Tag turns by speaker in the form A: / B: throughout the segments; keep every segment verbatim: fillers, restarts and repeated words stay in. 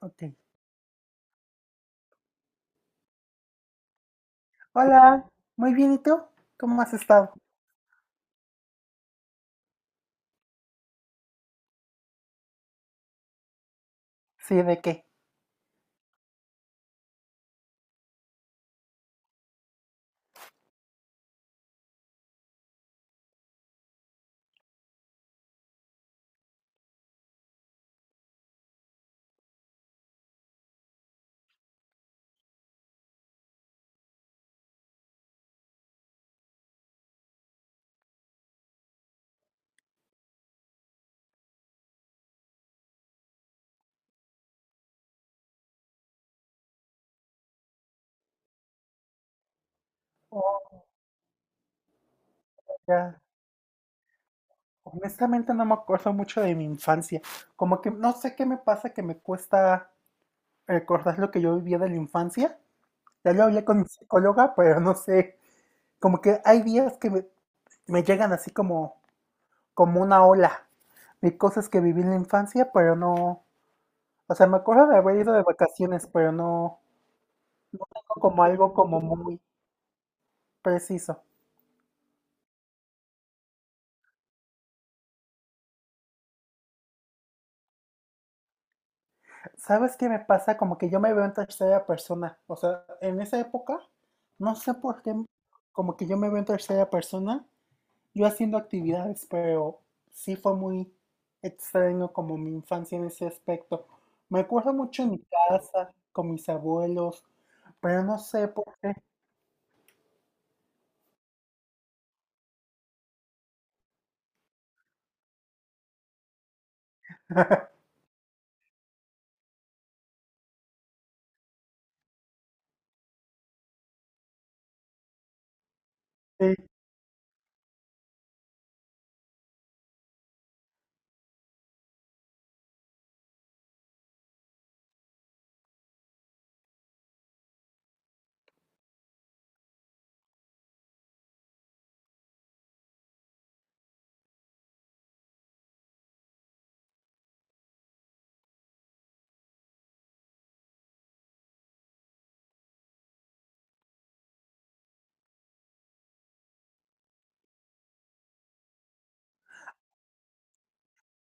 A: Ok. Hola, muy bien, ¿y tú? ¿Cómo has estado? Sí, ¿de qué? Oh, ya. Honestamente no me acuerdo mucho de mi infancia. Como que no sé qué me pasa que me cuesta recordar lo que yo vivía de la infancia. Ya lo hablé con mi psicóloga, pero no sé. Como que hay días que me, me llegan así como, como una ola de cosas que viví en la infancia, pero no. O sea, me acuerdo de haber ido de vacaciones, pero no, no tengo como algo como muy preciso. ¿Sabes qué me pasa? Como que yo me veo en tercera persona. O sea, en esa época, no sé por qué, como que yo me veo en tercera persona, yo haciendo actividades, pero sí fue muy extraño como mi infancia en ese aspecto. Me acuerdo mucho en mi casa, con mis abuelos, pero no sé por qué. Sí.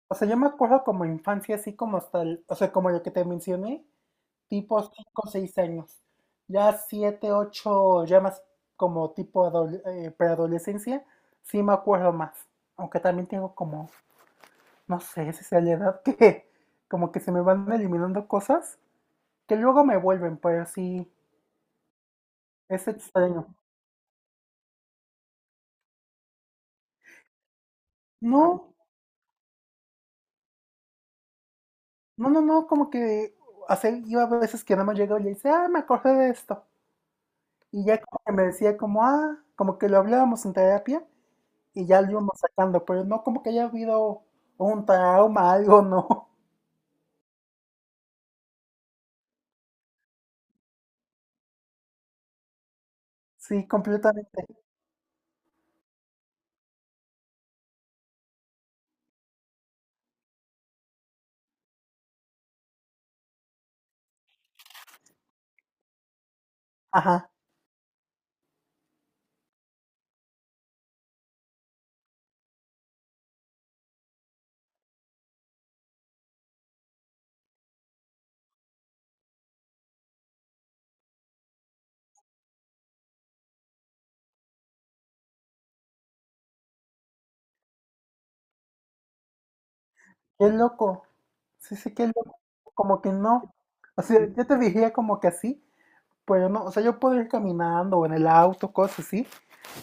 A: O sea, yo me acuerdo como infancia, así como hasta, el- o sea, como lo que te mencioné, tipo cinco o seis años. Ya siete ocho ya más como tipo adole- eh, preadolescencia, sí me acuerdo más. Aunque también tengo como, no sé si sea la edad que como que se me van eliminando cosas que luego me vuelven, pero sí, es extraño. No, no, no, no, como que, hace yo a veces que nada más llegaba y le dice, ah, me acordé de esto. Y ya como que me decía como, ah, como que lo hablábamos en terapia y ya lo íbamos sacando, pero no como que haya habido un trauma, algo, no. Sí, completamente. Ajá, qué loco. Sí, sí, qué loco. Como que no. O sea, yo te diría como que así, pero no. O sea, yo puedo ir caminando o en el auto, cosas así,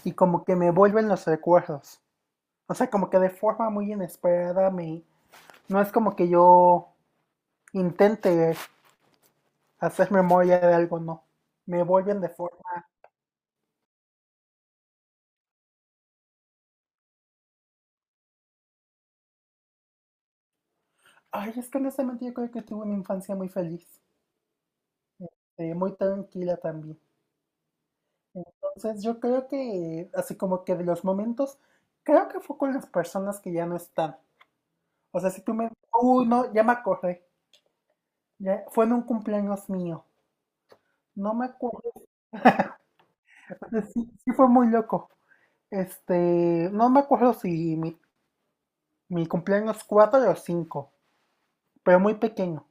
A: y como que me vuelven los recuerdos. O sea, como que de forma muy inesperada me... No es como que yo intente hacer memoria de algo, no. Me vuelven de forma... Ay, es que honestamente yo creo que tuve una infancia muy feliz. Eh, muy tranquila también. Entonces yo creo que, así como que de los momentos, creo que fue con las personas que ya no están. O sea, si tú me... Uy, no, ya me acordé. Ya, fue en un cumpleaños mío. No me acuerdo. Sí, sí fue muy loco. Este, no me acuerdo si mi, mi cumpleaños cuatro o cinco, pero muy pequeño.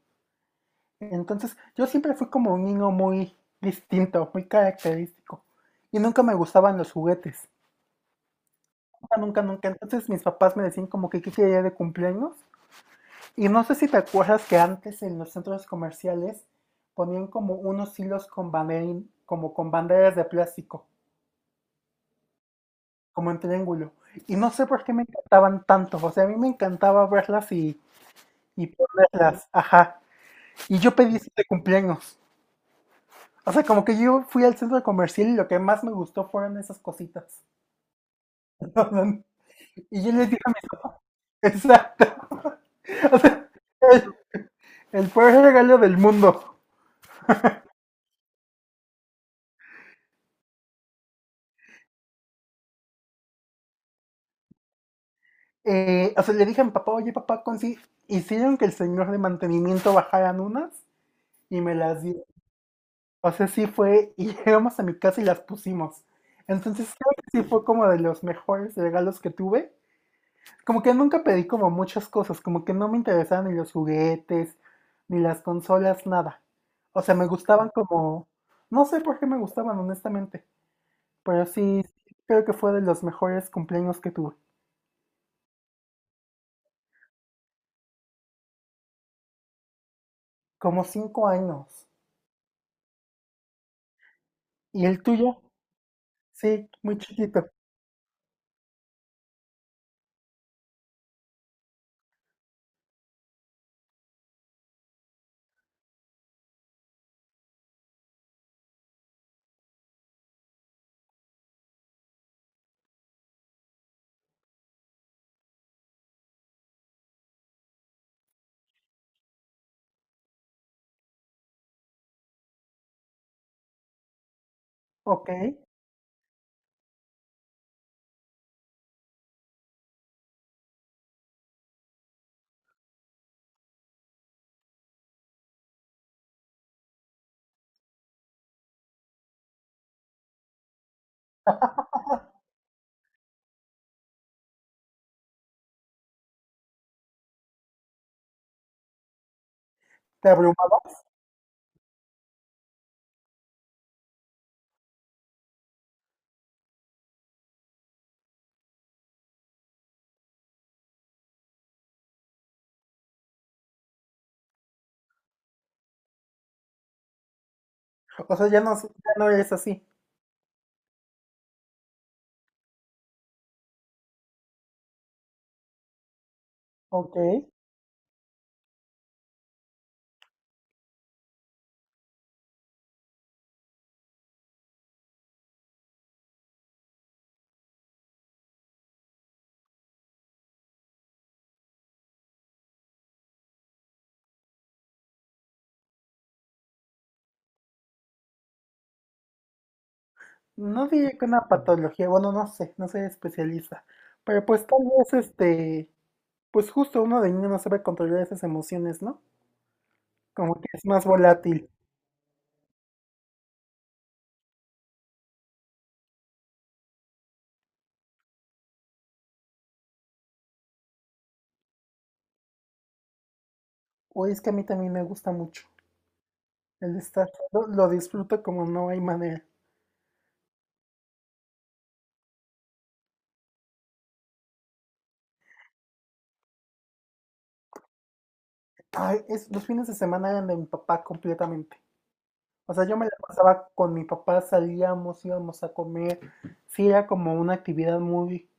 A: Entonces, yo siempre fui como un niño muy distinto, muy característico. Y nunca me gustaban los juguetes. Nunca, nunca. Entonces mis papás me decían como que qué quería de cumpleaños. Y no sé si te acuerdas que antes en los centros comerciales ponían como unos hilos con banderín, como con banderas de plástico, como en triángulo. Y no sé por qué me encantaban tanto. O sea, a mí me encantaba verlas y, y ponerlas. Ajá. Y yo pedí eso de cumpleaños. O sea, como que yo fui al centro comercial y lo que más me gustó fueron esas cositas. Y yo les dije a mis papás, exacto, el, el peor regalo del mundo. Eh, o sea, le dije a mi papá, oye papá, consi hicieron que el señor de mantenimiento bajaran unas y me las dio. O sea, sí fue, y llegamos a mi casa y las pusimos. Entonces creo que sí fue como de los mejores regalos que tuve. Como que nunca pedí como muchas cosas, como que no me interesaban ni los juguetes, ni las consolas, nada. O sea, me gustaban como, no sé por qué me gustaban, honestamente, pero sí, creo que fue de los mejores cumpleaños que tuve, como cinco años. ¿Y el tuyo? Sí, muy chiquito. Ok. ¿Te abrumaba? O sea, ya no, s- ya no eres así. Ok. No diría que una patología, bueno, no sé, no soy especialista. Pero pues tal vez este, pues justo uno de niño no sabe controlar esas emociones, ¿no? Como que es más volátil. O es que a mí también me gusta mucho el estar solo, lo disfruto como no hay manera. Ay, es, los fines de semana eran de mi papá completamente. O sea, yo me la pasaba con mi papá, salíamos, íbamos a comer. Sí, era como una actividad muy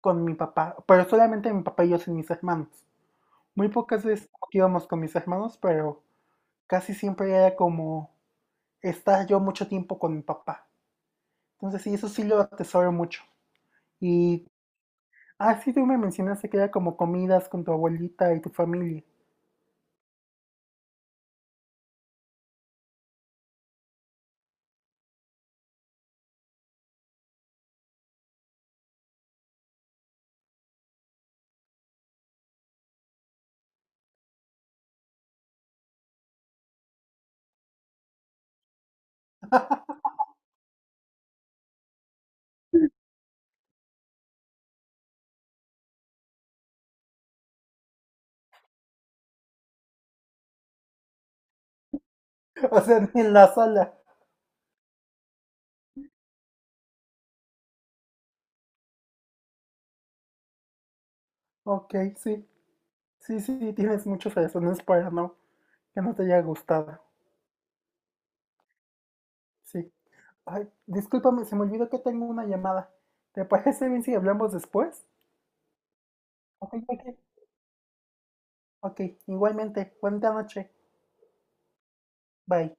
A: con mi papá, pero solamente mi papá y yo sin mis hermanos. Muy pocas veces íbamos con mis hermanos, pero casi siempre era como estar yo mucho tiempo con mi papá. Entonces sí, eso sí lo atesoro mucho. Y así tú me mencionaste que era como comidas con tu abuelita y tu familia. O sea, en la sala. Ok, sí. Sí, sí, sí, tienes muchas razones para no, que no te haya gustado. Sí. Ay, discúlpame, se me olvidó que tengo una llamada. ¿Te parece bien si hablamos después? Ok, ok. Ok, igualmente, buena noche, bye.